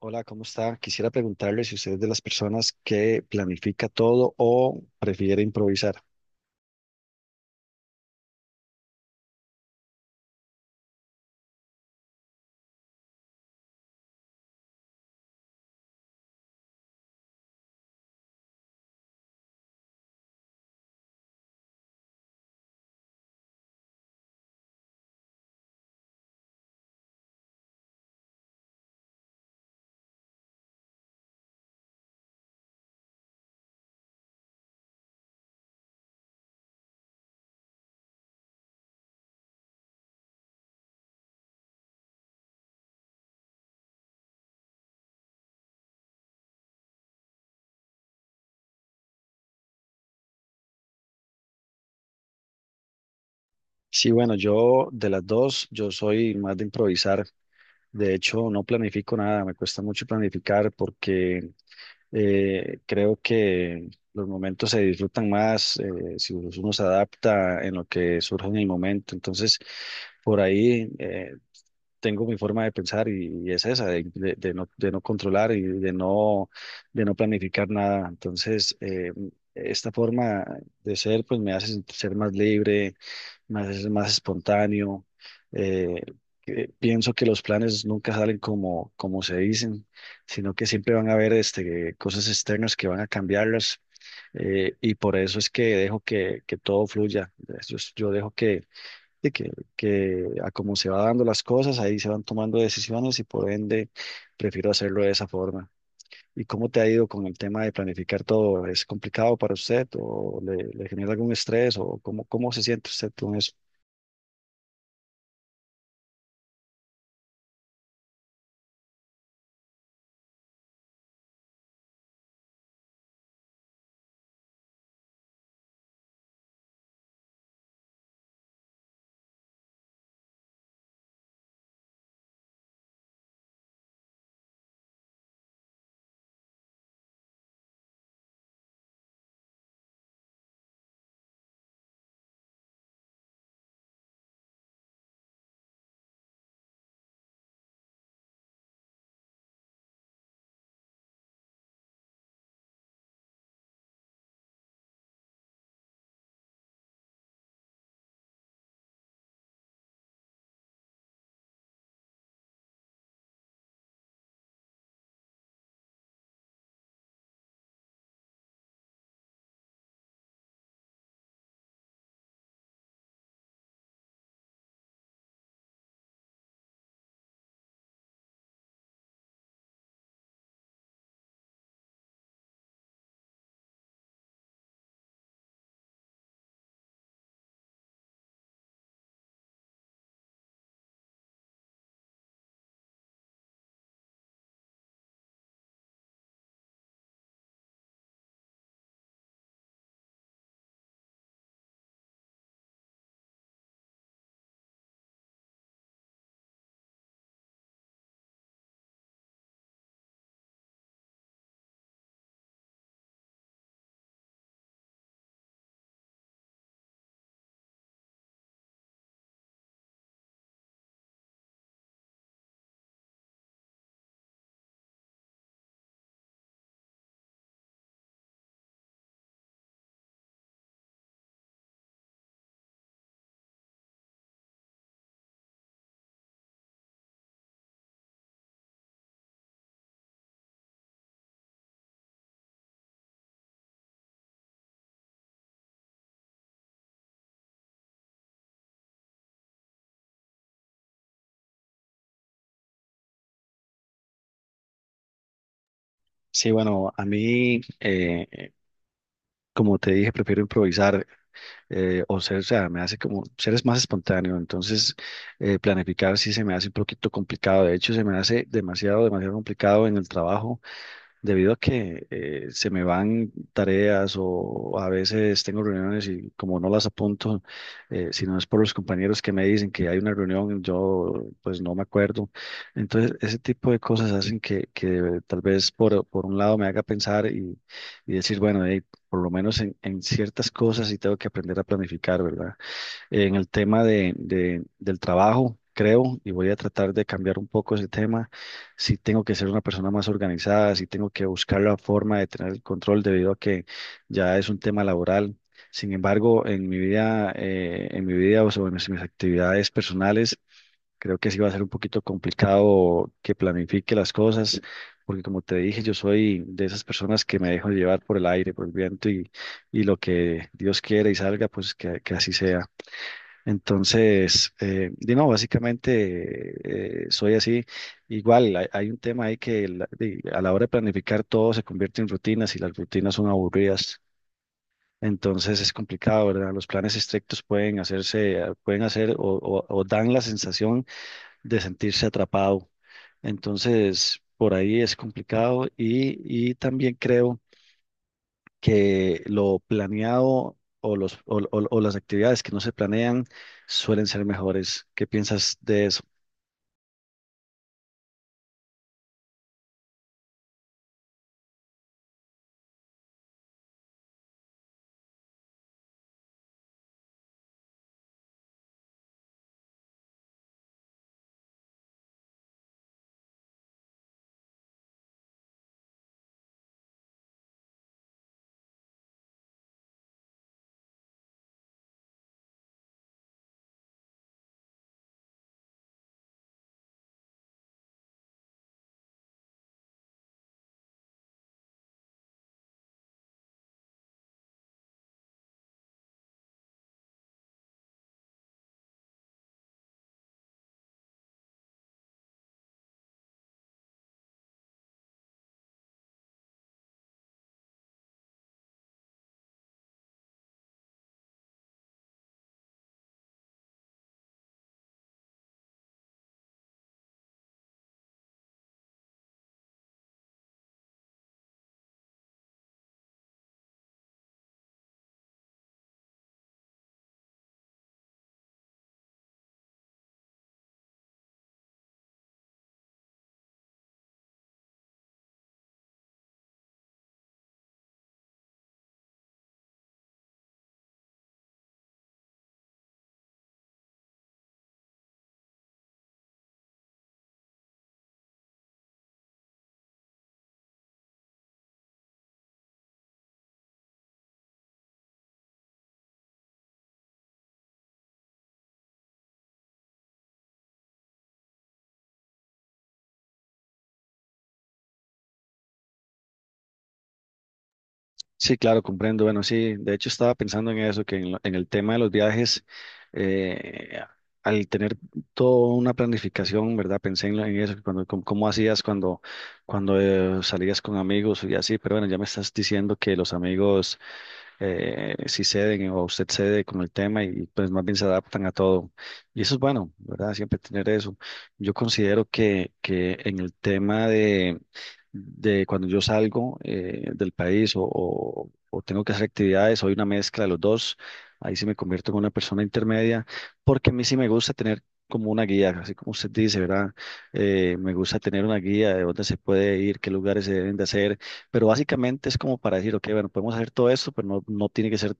Hola, ¿cómo está? Quisiera preguntarle si usted es de las personas que planifica todo o prefiere improvisar. Sí, bueno, yo de las dos, yo soy más de improvisar. De hecho, no planifico nada, me cuesta mucho planificar porque creo que los momentos se disfrutan más si uno se adapta en lo que surge en el momento. Entonces, por ahí tengo mi forma de pensar y es esa, de no controlar y de no planificar nada. Entonces, esta forma de ser, pues me hace ser más libre más, es más espontáneo. eh, que pienso que los planes nunca salen como se dicen, sino que siempre van a haber cosas externas que van a cambiarlas. Y por eso es que dejo que todo fluya. Yo dejo de que, que a como se va dando las cosas, ahí se van tomando decisiones y por ende prefiero hacerlo de esa forma. ¿Y cómo te ha ido con el tema de planificar todo? ¿Es complicado para usted o le genera algún estrés o cómo se siente usted con eso? Sí, bueno, a mí, como te dije, prefiero improvisar o sea, me hace como ser es más espontáneo, entonces planificar sí se me hace un poquito complicado, de hecho se me hace demasiado, demasiado complicado en el trabajo debido a que se me van tareas o a veces tengo reuniones y como no las apunto, si no es por los compañeros que me dicen que hay una reunión, yo pues no me acuerdo. Entonces, ese tipo de cosas hacen que tal vez por un lado me haga pensar y decir, bueno, hey, por lo menos en ciertas cosas sí tengo que aprender a planificar, ¿verdad? En el tema del trabajo, creo, y voy a tratar de cambiar un poco ese tema. Si tengo que ser una persona más organizada, si tengo que buscar la forma de tener el control debido a que ya es un tema laboral. Sin embargo, en mi vida, o sea, bueno, en mis actividades personales, creo que sí va a ser un poquito complicado que planifique las cosas, porque como te dije, yo soy de esas personas que me dejo llevar por el aire, por el viento y lo que Dios quiere y salga, pues que así sea. Entonces, di no, básicamente soy así. Igual hay un tema ahí que di, a la hora de planificar todo se convierte en rutinas y las rutinas son aburridas. Entonces es complicado, ¿verdad? Los planes estrictos pueden hacerse, pueden hacer o dan la sensación de sentirse atrapado. Entonces, por ahí es complicado y también creo que lo planeado o, los, o las actividades que no se planean suelen ser mejores. ¿Qué piensas de eso? Sí, claro, comprendo. Bueno, sí, de hecho estaba pensando en eso, que en el tema de los viajes, eh, al tener toda una planificación, ¿verdad? Pensé en eso, cómo hacías cuando salías con amigos y así, pero bueno, ya me estás diciendo que los amigos sí ceden o usted cede con el tema y pues más bien se adaptan a todo. Y eso es bueno, ¿verdad? Siempre tener eso. Yo considero que en el tema de cuando yo salgo del país o tengo que hacer actividades, soy una mezcla de los dos, ahí sí me convierto en una persona intermedia, porque a mí sí me gusta tener como una guía, así como usted dice, ¿verdad? Me gusta tener una guía de dónde se puede ir, qué lugares se deben de hacer, pero básicamente es como para decir, ok, bueno, podemos hacer todo esto, pero no, no tiene que ser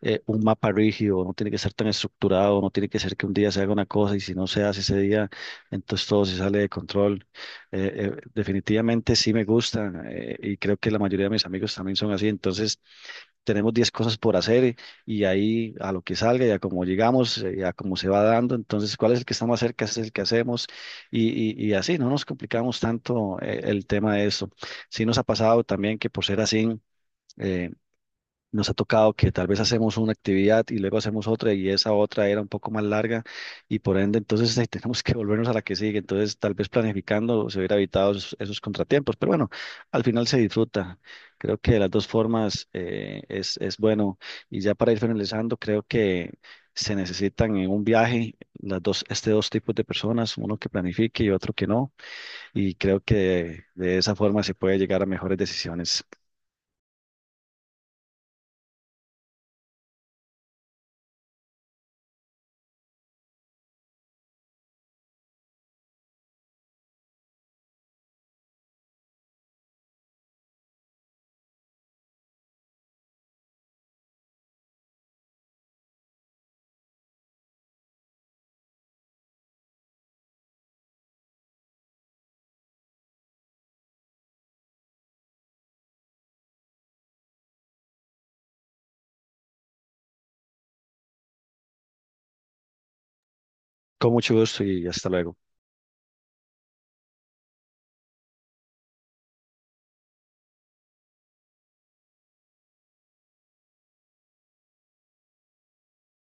un mapa rígido, no tiene que ser tan estructurado, no tiene que ser que un día se haga una cosa y si no se hace ese día, entonces todo se sale de control. Eh, Definitivamente sí me gusta y creo que la mayoría de mis amigos también son así. Entonces tenemos 10 cosas por hacer y ahí a lo que salga y a como llegamos, y a cómo se va dando. Entonces, ¿cuál es el que está más cerca? Ese es el que hacemos y, y así no nos complicamos tanto el tema de eso. Sí nos ha pasado también que por ser así. eh, Nos ha tocado que tal vez hacemos una actividad y luego hacemos otra y esa otra era un poco más larga y por ende entonces tenemos que volvernos a la que sigue. Entonces tal vez planificando se hubiera evitado esos contratiempos, pero bueno, al final se disfruta. Creo que de las dos formas es bueno. Y ya para ir finalizando, creo que se necesitan en un viaje las dos, dos tipos de personas, uno que planifique y otro que no. Y creo que de esa forma se puede llegar a mejores decisiones. Con mucho gusto y hasta luego.